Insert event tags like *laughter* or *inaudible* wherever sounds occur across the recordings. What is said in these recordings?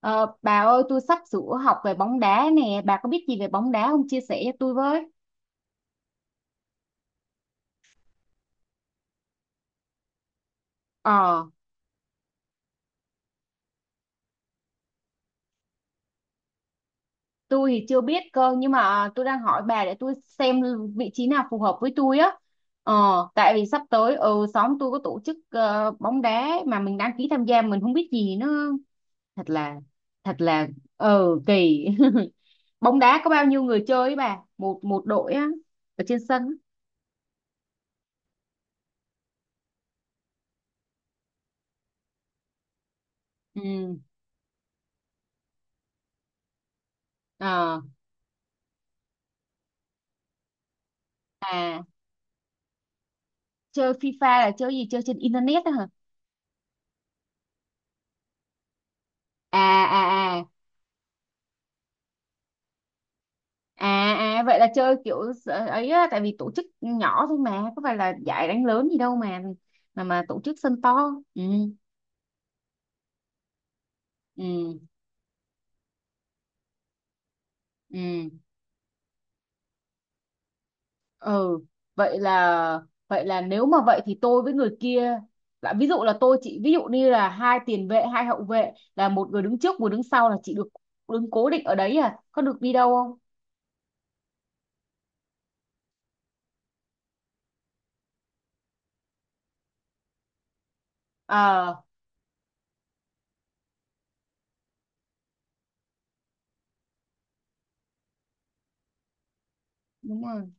Ờ, bà ơi, tôi sắp sửa học về bóng đá nè, bà có biết gì về bóng đá không? Chia sẻ cho tôi với. ờ tôi thì chưa biết cơ, nhưng mà tôi đang hỏi bà để tôi xem vị trí nào phù hợp với tôi á. ờ Tại vì sắp tới, xóm tôi có tổ chức bóng đá, mà mình đăng ký tham gia mình không biết gì nữa. Thật là thật là ờ kỳ. *laughs* Bóng đá có bao nhiêu người chơi ấy bà, một một đội á? Ở trên sân á. Ừ. Ờ. À. Chơi FIFA là chơi gì, chơi trên internet á hả? À. À. À. À. À. Vậy là chơi kiểu sợ- ấy á, tại vì tổ chức nhỏ thôi mà có phải là giải đánh lớn gì đâu mà, mà tổ chức sân to. Ừ. Ừ. Ừ. Ừ. Vậy là, vậy là nếu mà vậy thì tôi với người kia, là ví dụ là tôi chị ví dụ như là hai tiền vệ hai hậu vệ là một người đứng trước một đứng sau là chị được đứng cố định ở đấy à, có được đi đâu không? Ờ đúng rồi.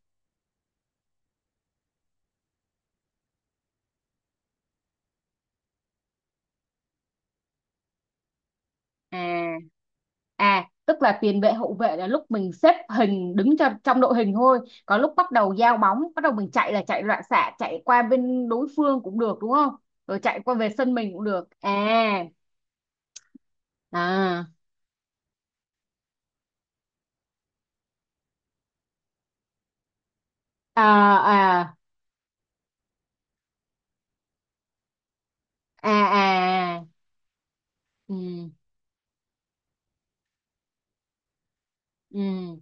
À. À. Tức là tiền vệ hậu vệ là lúc mình xếp hình đứng cho trong đội hình thôi, có lúc bắt đầu giao bóng bắt đầu mình chạy là chạy loạn xạ chạy qua bên đối phương cũng được đúng không? Rồi chạy qua về sân mình cũng được à? À. À. À. À. À. Ừ. Ừ.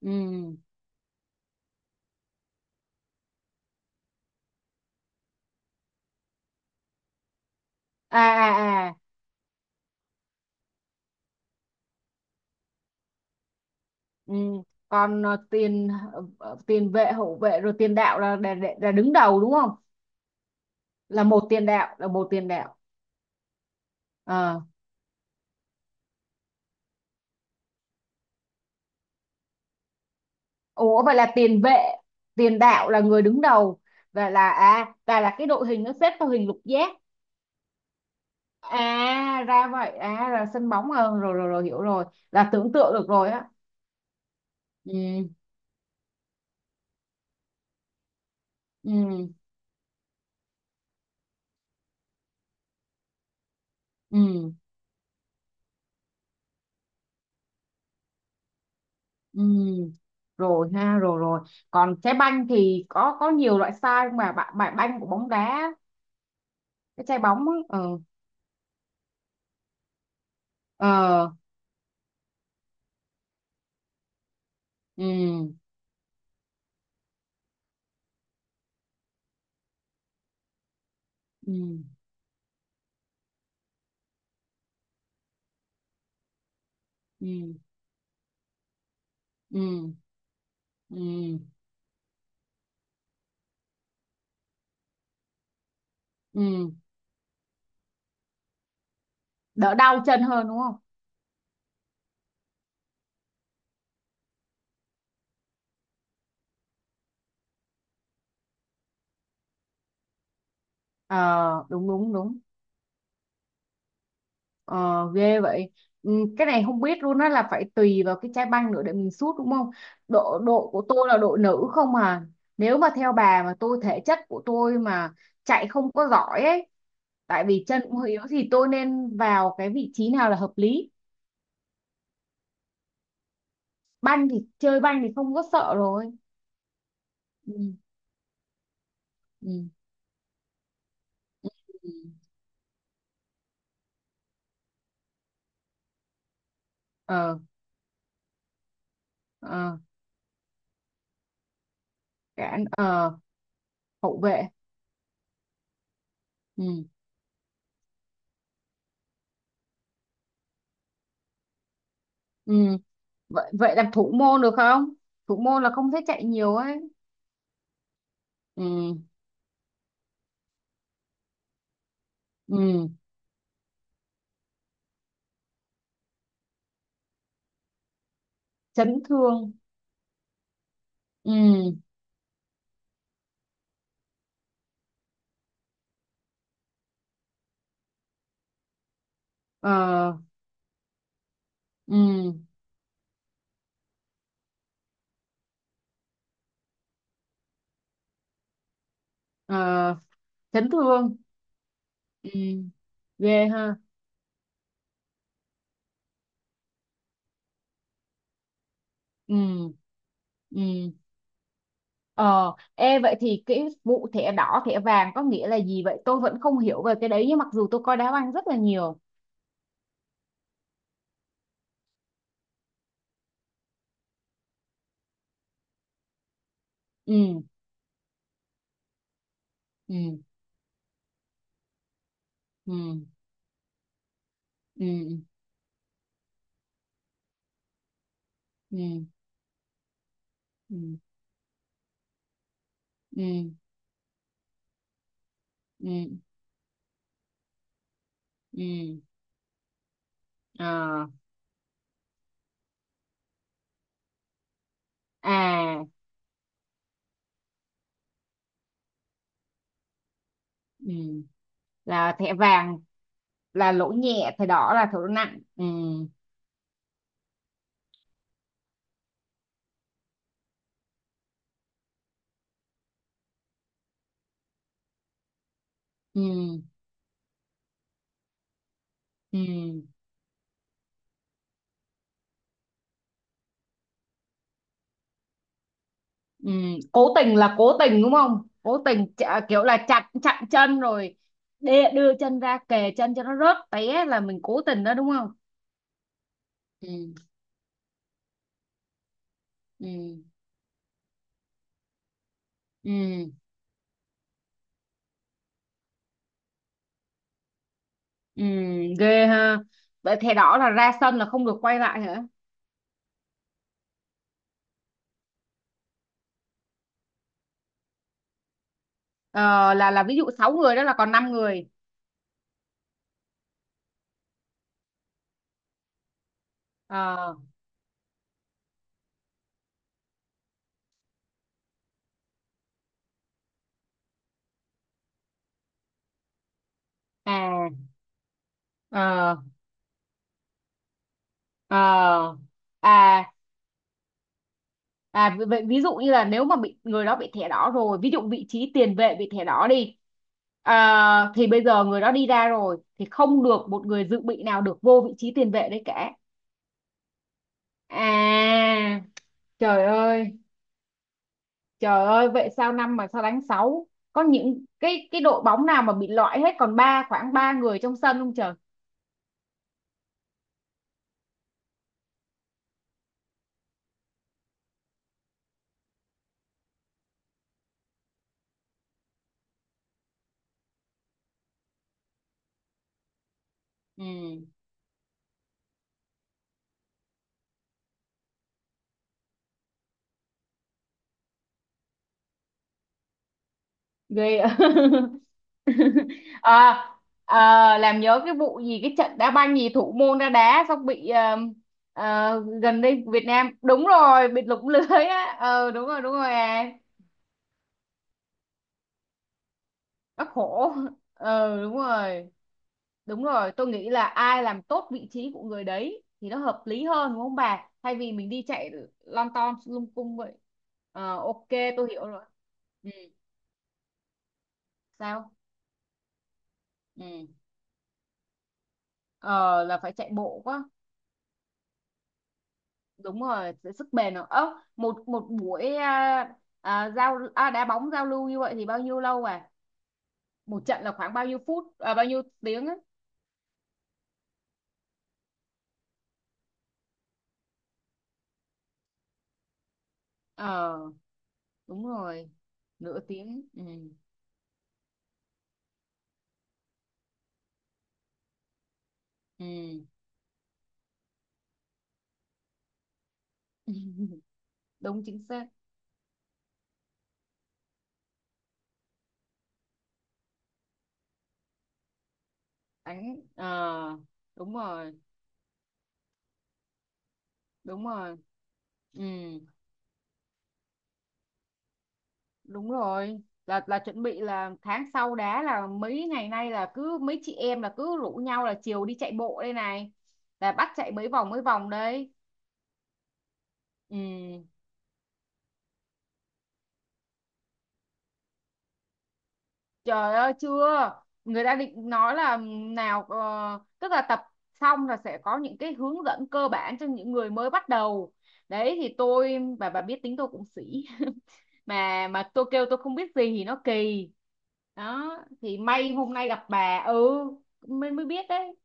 Ừ. À. À. À. Ừ. Còn tiền tiền vệ hậu vệ rồi tiền đạo là đứng đầu đúng không? Là một tiền đạo là một tiền đạo. Ờ. Ủa vậy là tiền vệ, tiền đạo là người đứng đầu, và là à và là cái đội hình nó xếp theo hình lục giác. À ra vậy, à là sân bóng à, rồi rồi rồi hiểu rồi, là tưởng tượng được rồi á. Ừ. Ừ. Ừ. Ừ. Rồi ha, rồi rồi. Còn trái banh thì có nhiều loại size, mà bài bài banh của bóng đá, cái trái bóng ấy. Ờ. Ờ. Ừ. Ừ. Ừ. Ừ. Ừ. Ừ. Đỡ đau chân hơn đúng không? Ờ, đúng đúng đúng. Ờ, ghê vậy. Ừ, cái này không biết luôn á, là phải tùy vào cái chai banh nữa để mình sút đúng không? Độ độ của tôi là độ nữ không à. Nếu mà theo bà mà tôi, thể chất của tôi mà chạy không có giỏi ấy, tại vì chân cũng hơi yếu, thì tôi nên vào cái vị trí nào là hợp lý? Banh thì chơi banh thì không có sợ rồi. Ừ. Ừ. Ừ. ờ, ờ, Cản, hậu vệ. Ừ. Ừ. Vậy vậy làm thủ môn được không? Thủ môn là không thể chạy nhiều ấy. Ừ. Ừ. Chấn thương. Ừ. Ờ. Ừ. Ờ. Chấn thương. Ừ. Ghê ha. Ừ. Ừ. ờ Ê vậy thì cái vụ thẻ đỏ thẻ vàng có nghĩa là gì vậy, tôi vẫn không hiểu về cái đấy nhưng mặc dù tôi coi đá banh rất là nhiều. Ừ. Ừ. Ừ. Ừ. Ừ. Ừ. Ừ. Ừ. Ừ. Ờ. À. Ừ. Là thẻ vàng. Là lỗi nhẹ, thẻ đỏ là lỗi nặng. Ừ. Ừ. Ừ. Ừ, cố tình là cố tình đúng không? Cố tình chạ- kiểu là chặn chặn chân rồi đê, đưa chân ra kề chân cho nó rớt té là mình cố tình đó đúng không? Ừ. Ừ. Ừ. Ừ. Ghê ha. Vậy thẻ đỏ là ra sân là không được quay lại hả? Ờ, là ví dụ sáu người đó là còn năm người. Ờ. À. Ờ. Ờ. À. À, vì vậy ví dụ như là nếu mà bị người đó bị thẻ đỏ rồi, ví dụ vị trí tiền vệ bị thẻ đỏ đi, à, thì bây giờ người đó đi ra rồi thì không được một người dự bị nào được vô vị trí tiền vệ đấy cả. À. Trời ơi, trời ơi, vậy sao năm mà sao đánh sáu? Có những cái đội bóng nào mà bị loại hết còn ba khoảng ba người trong sân không trời? Ừ, ghê ạ. *laughs* *laughs* À, à, làm nhớ cái vụ gì, cái trận đá banh gì thủ môn ra đá xong bị gần đây Việt Nam đúng rồi bị lủng *laughs* lưới á, ờ đúng rồi à. Bác khổ. Ờ đúng rồi, đúng rồi tôi nghĩ là ai làm tốt vị trí của người đấy thì nó hợp lý hơn đúng không bà, thay vì mình đi chạy lon ton lung cung vậy. Ờ, ok, tôi hiểu rồi. Ừ, sao? Ừ. Ờ là phải chạy bộ quá. Đúng rồi, sức bền nữa. Ớ một một buổi à, à, giao à, đá bóng giao lưu như vậy thì bao nhiêu lâu à, một trận là khoảng bao nhiêu phút à, bao nhiêu tiếng á? Ờ đúng rồi, nửa tiếng ừ. Ừ. *laughs* Đúng chính xác. Đánh ờ. Đúng rồi đúng rồi. Ừ đúng rồi, là chuẩn bị là tháng sau đá, là mấy ngày nay là cứ mấy chị em là cứ rủ nhau là chiều đi chạy bộ đây này, là bắt chạy mấy vòng đấy. Ừ. Trời ơi chưa. Người ta định nói là, nào tức là tập xong là sẽ có những cái hướng dẫn cơ bản cho những người mới bắt đầu. Đấy thì tôi, bà biết tính tôi cũng sĩ. *laughs* Mà tôi kêu tôi không biết gì thì nó kỳ. Đó. Thì may hôm nay gặp bà. Ừ. Mới mới biết đấy.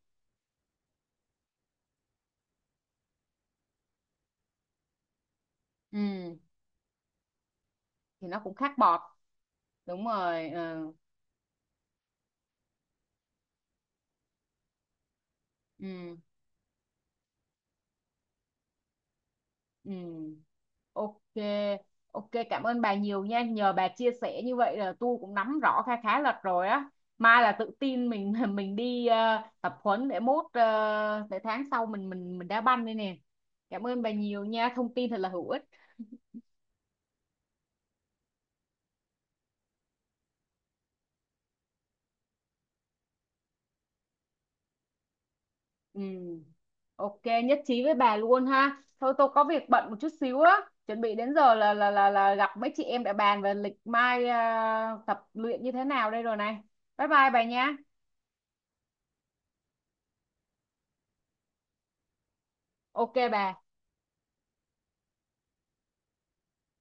Ừ. Thì nó cũng khác bọt. Đúng rồi ừ. Ừ. Ừ. Ok, ok cảm ơn bà nhiều nha. Nhờ bà chia sẻ như vậy là tôi cũng nắm rõ khá khá lật rồi á. Mai là tự tin mình *laughs* mình đi tập huấn để mốt để tháng sau mình đá banh đây nè. Cảm ơn bà nhiều nha, thông tin thật là hữu ích. Ừ. Ok, nhất trí với bà luôn ha. Thôi tôi có việc bận một chút xíu á. Chuẩn bị đến giờ là là gặp mấy chị em để bàn về lịch mai tập luyện như thế nào đây rồi này. Bye bye bà nha. Ok bà.